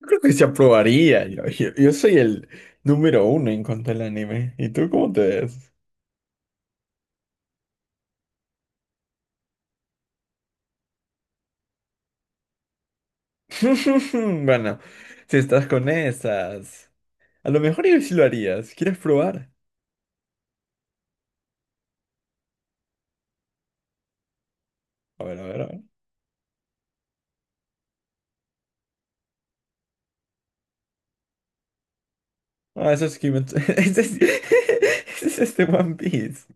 Yo creo que se aprobaría. Yo soy el número uno en cuanto al anime. ¿Y tú cómo te ves? Bueno, si estás con esas, a lo mejor yo sí lo harías. ¿Quieres probar? A ver. Ah, eso es Kimetsu. Ese es este One Piece.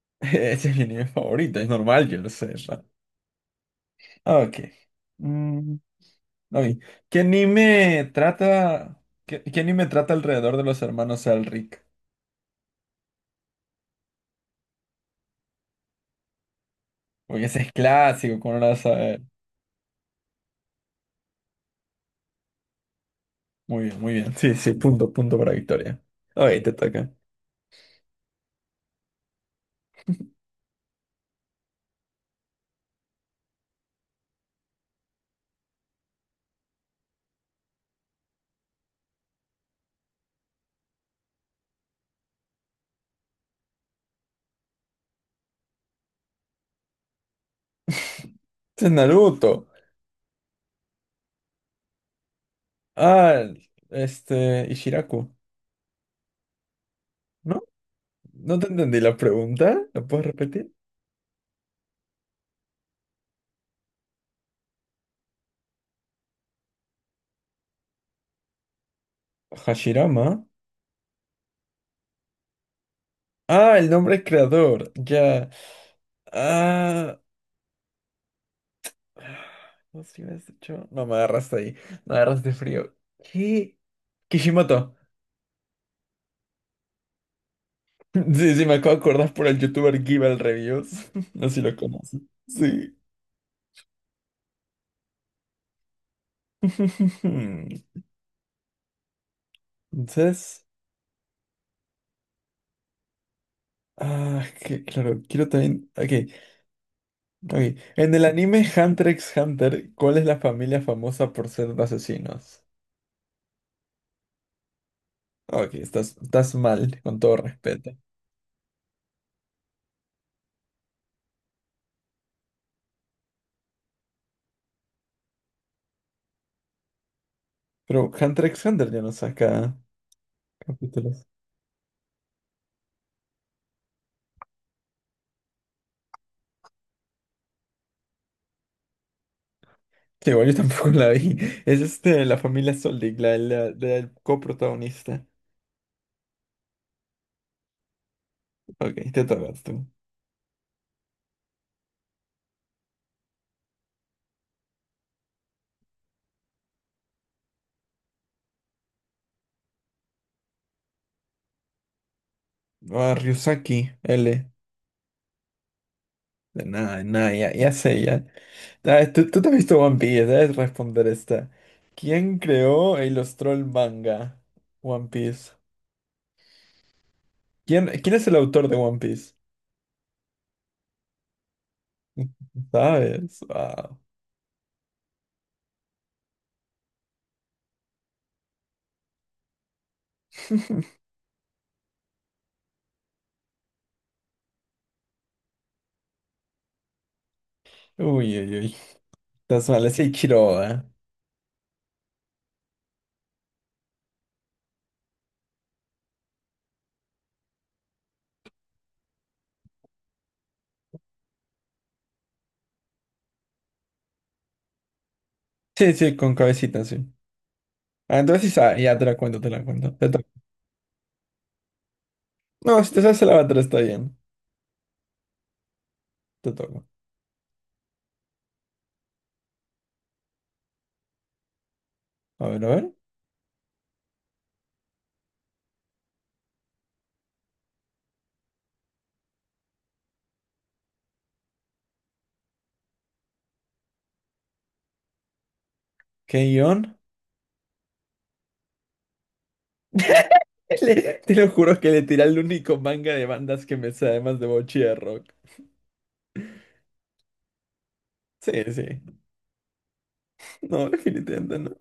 Ese es mi anime favorito. Es normal, yo lo sé, ¿no? Ah, ok. Mm, ok. ¿Qué anime trata alrededor de los hermanos Elric? Porque ese es clásico, ¿cómo no lo vas a ver? Muy bien, muy bien. Sí, sí, punto para Victoria. Ok, te toca. Este es Naruto. Ah, este, Ishiraku. ¿No? No te entendí la pregunta. ¿La puedes repetir? Hashirama. Ah, el nombre creador. Ya. Ah. No sé si me has dicho. No, me agarraste ahí. Me agarraste frío. ¿Qué? Kishimoto. Sí, sí, me acabo de acordar por el youtuber Givel Reviews. No sé si lo conoces. Sí. Entonces. Ah, que claro, quiero también. Ok, ok. En el anime Hunter x Hunter, ¿cuál es la familia famosa por ser asesinos? Ok, estás mal, con todo respeto. Pero Hunter x Hunter ya no saca capítulos. Que igual yo tampoco la vi. Es este, la familia Soldig, la del coprotagonista. Ok, te toca tú. Ah, Ryusaki, L. De nada, ya, ya sé, ya. Ah, tú te has visto One Piece, debes responder esta. ¿Quién creó e ilustró el manga One Piece? ¿Quién es el autor de One Piece? ¿Sabes? Wow. Uy, uy, uy. Estás mal, es Ichiro, ¿eh? Sí, sí, con cabecita, sí. Ah, entonces sí sabe, ya te la cuento, te la cuento. Te toca. No, si te sabes el avatar está bien. Te toco. A ver, a ver. ¿Qué guión? Le- te lo juro que le tiré el único manga de bandas que me sé, además de Bochierro. Sí, sí. No, definitivamente no.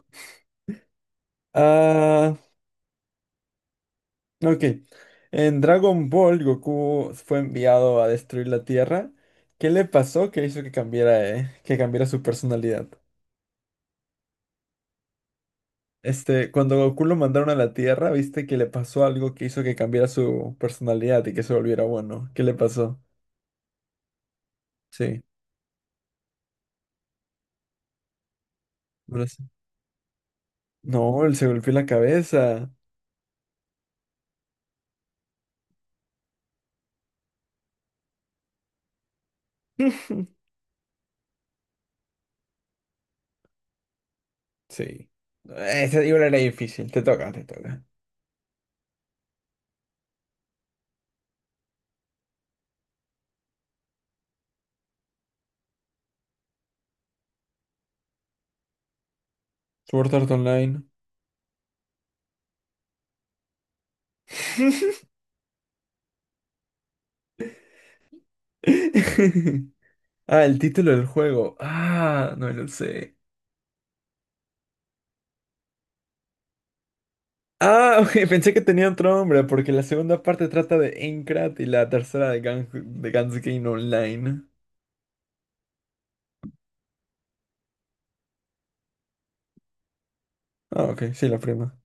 Ah, ok. En Dragon Ball, Goku fue enviado a destruir la Tierra. ¿Qué le pasó que hizo que cambiara su personalidad? Este, cuando Goku lo mandaron a la Tierra, viste que le pasó algo que hizo que cambiara su personalidad y que se volviera bueno. ¿Qué le pasó? Sí. Ahora sí. No, él se golpeó la cabeza. Sí. Ese libro era difícil. Te toca, te toca. Sword Art Online. Ah, el título del juego. Ah, no lo sé. Ah, ok, pensé que tenía otro nombre porque la segunda parte trata de Aincrad y la tercera de Gang de Gans Game Online. Ah, ok, sí, la prima.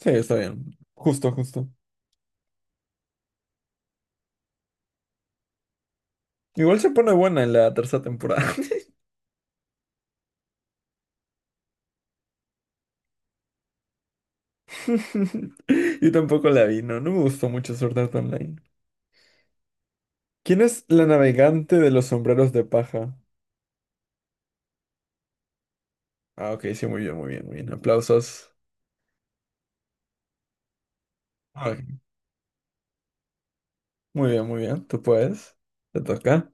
Sí, está bien. Justo, justo. Igual se pone buena en la tercera temporada. Yo tampoco la vi, no, no me gustó mucho Sword Art Online. ¿Quién es la navegante de los sombreros de paja? Ah, ok, sí, muy bien, muy bien, muy bien. Aplausos. Ah, ok. Muy bien, muy bien. ¿Tú puedes? Te toca.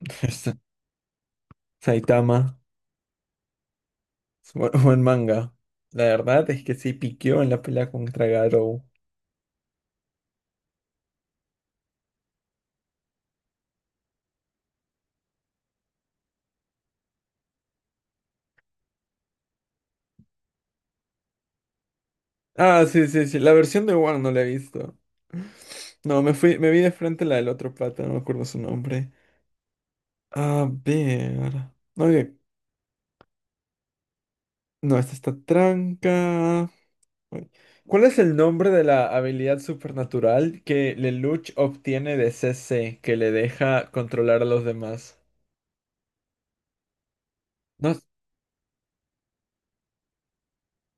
Saitama, bu- buen manga. La verdad es que sí piqueó en la pelea contra Garou. Ah, sí, sí, sí. La versión de Wang no la he visto. No, me fui, me vi de frente la del otro pata, no me acuerdo su nombre. A ver. No, oye, no, esta está tranca. Uy. ¿Cuál es el nombre de la habilidad supernatural que Lelouch obtiene de C C que le deja controlar a los demás? No.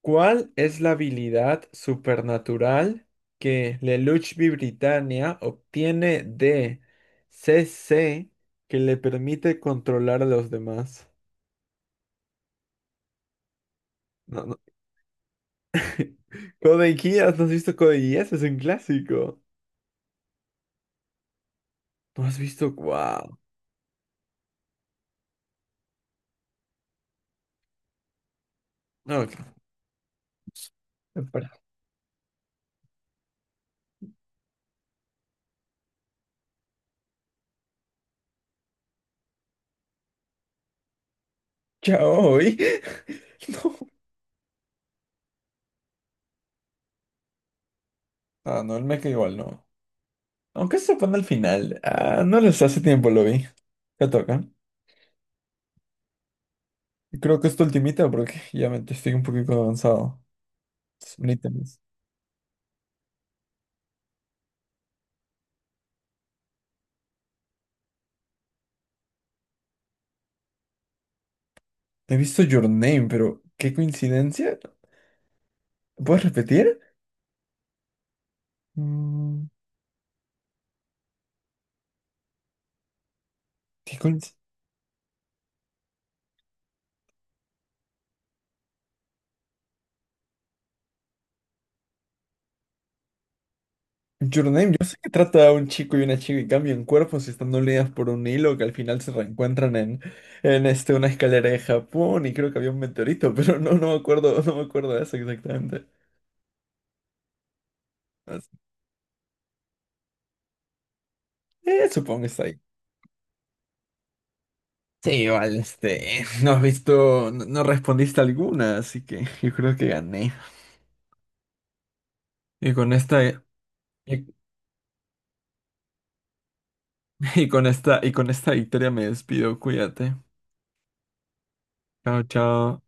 ¿Cuál es la habilidad supernatural que Lelouch Britannia obtiene de C C que le permite controlar a los demás? No, no. Code Geass, ¿no has visto Code Geass? Es un clásico. ¿No has visto? ¡Wow! No, espera. Chao, ¿y? no. Ah, no, el mecha igual no. Aunque se pone al final. Ah, no les hace tiempo lo vi. Te toca. Creo que es tu ultimita porque ya me estoy un poquito avanzado. Britannies. He visto Your Name, pero qué coincidencia. ¿Puedes repetir? Mm, ¿qué coinc- Your Name, yo sé que trata a un chico y una chica y cambian cuerpos y están unidas por un hilo que al final se reencuentran en este, una escalera de Japón y creo que había un meteorito, pero no, no me acuerdo, no me acuerdo de eso exactamente. As- eh, supongo que está ahí. Sí, igual, este, no has visto, no, no respondiste alguna, así que yo creo que gané. Y con esta, y, y con esta, y con esta victoria me despido. Cuídate. Chao, chao.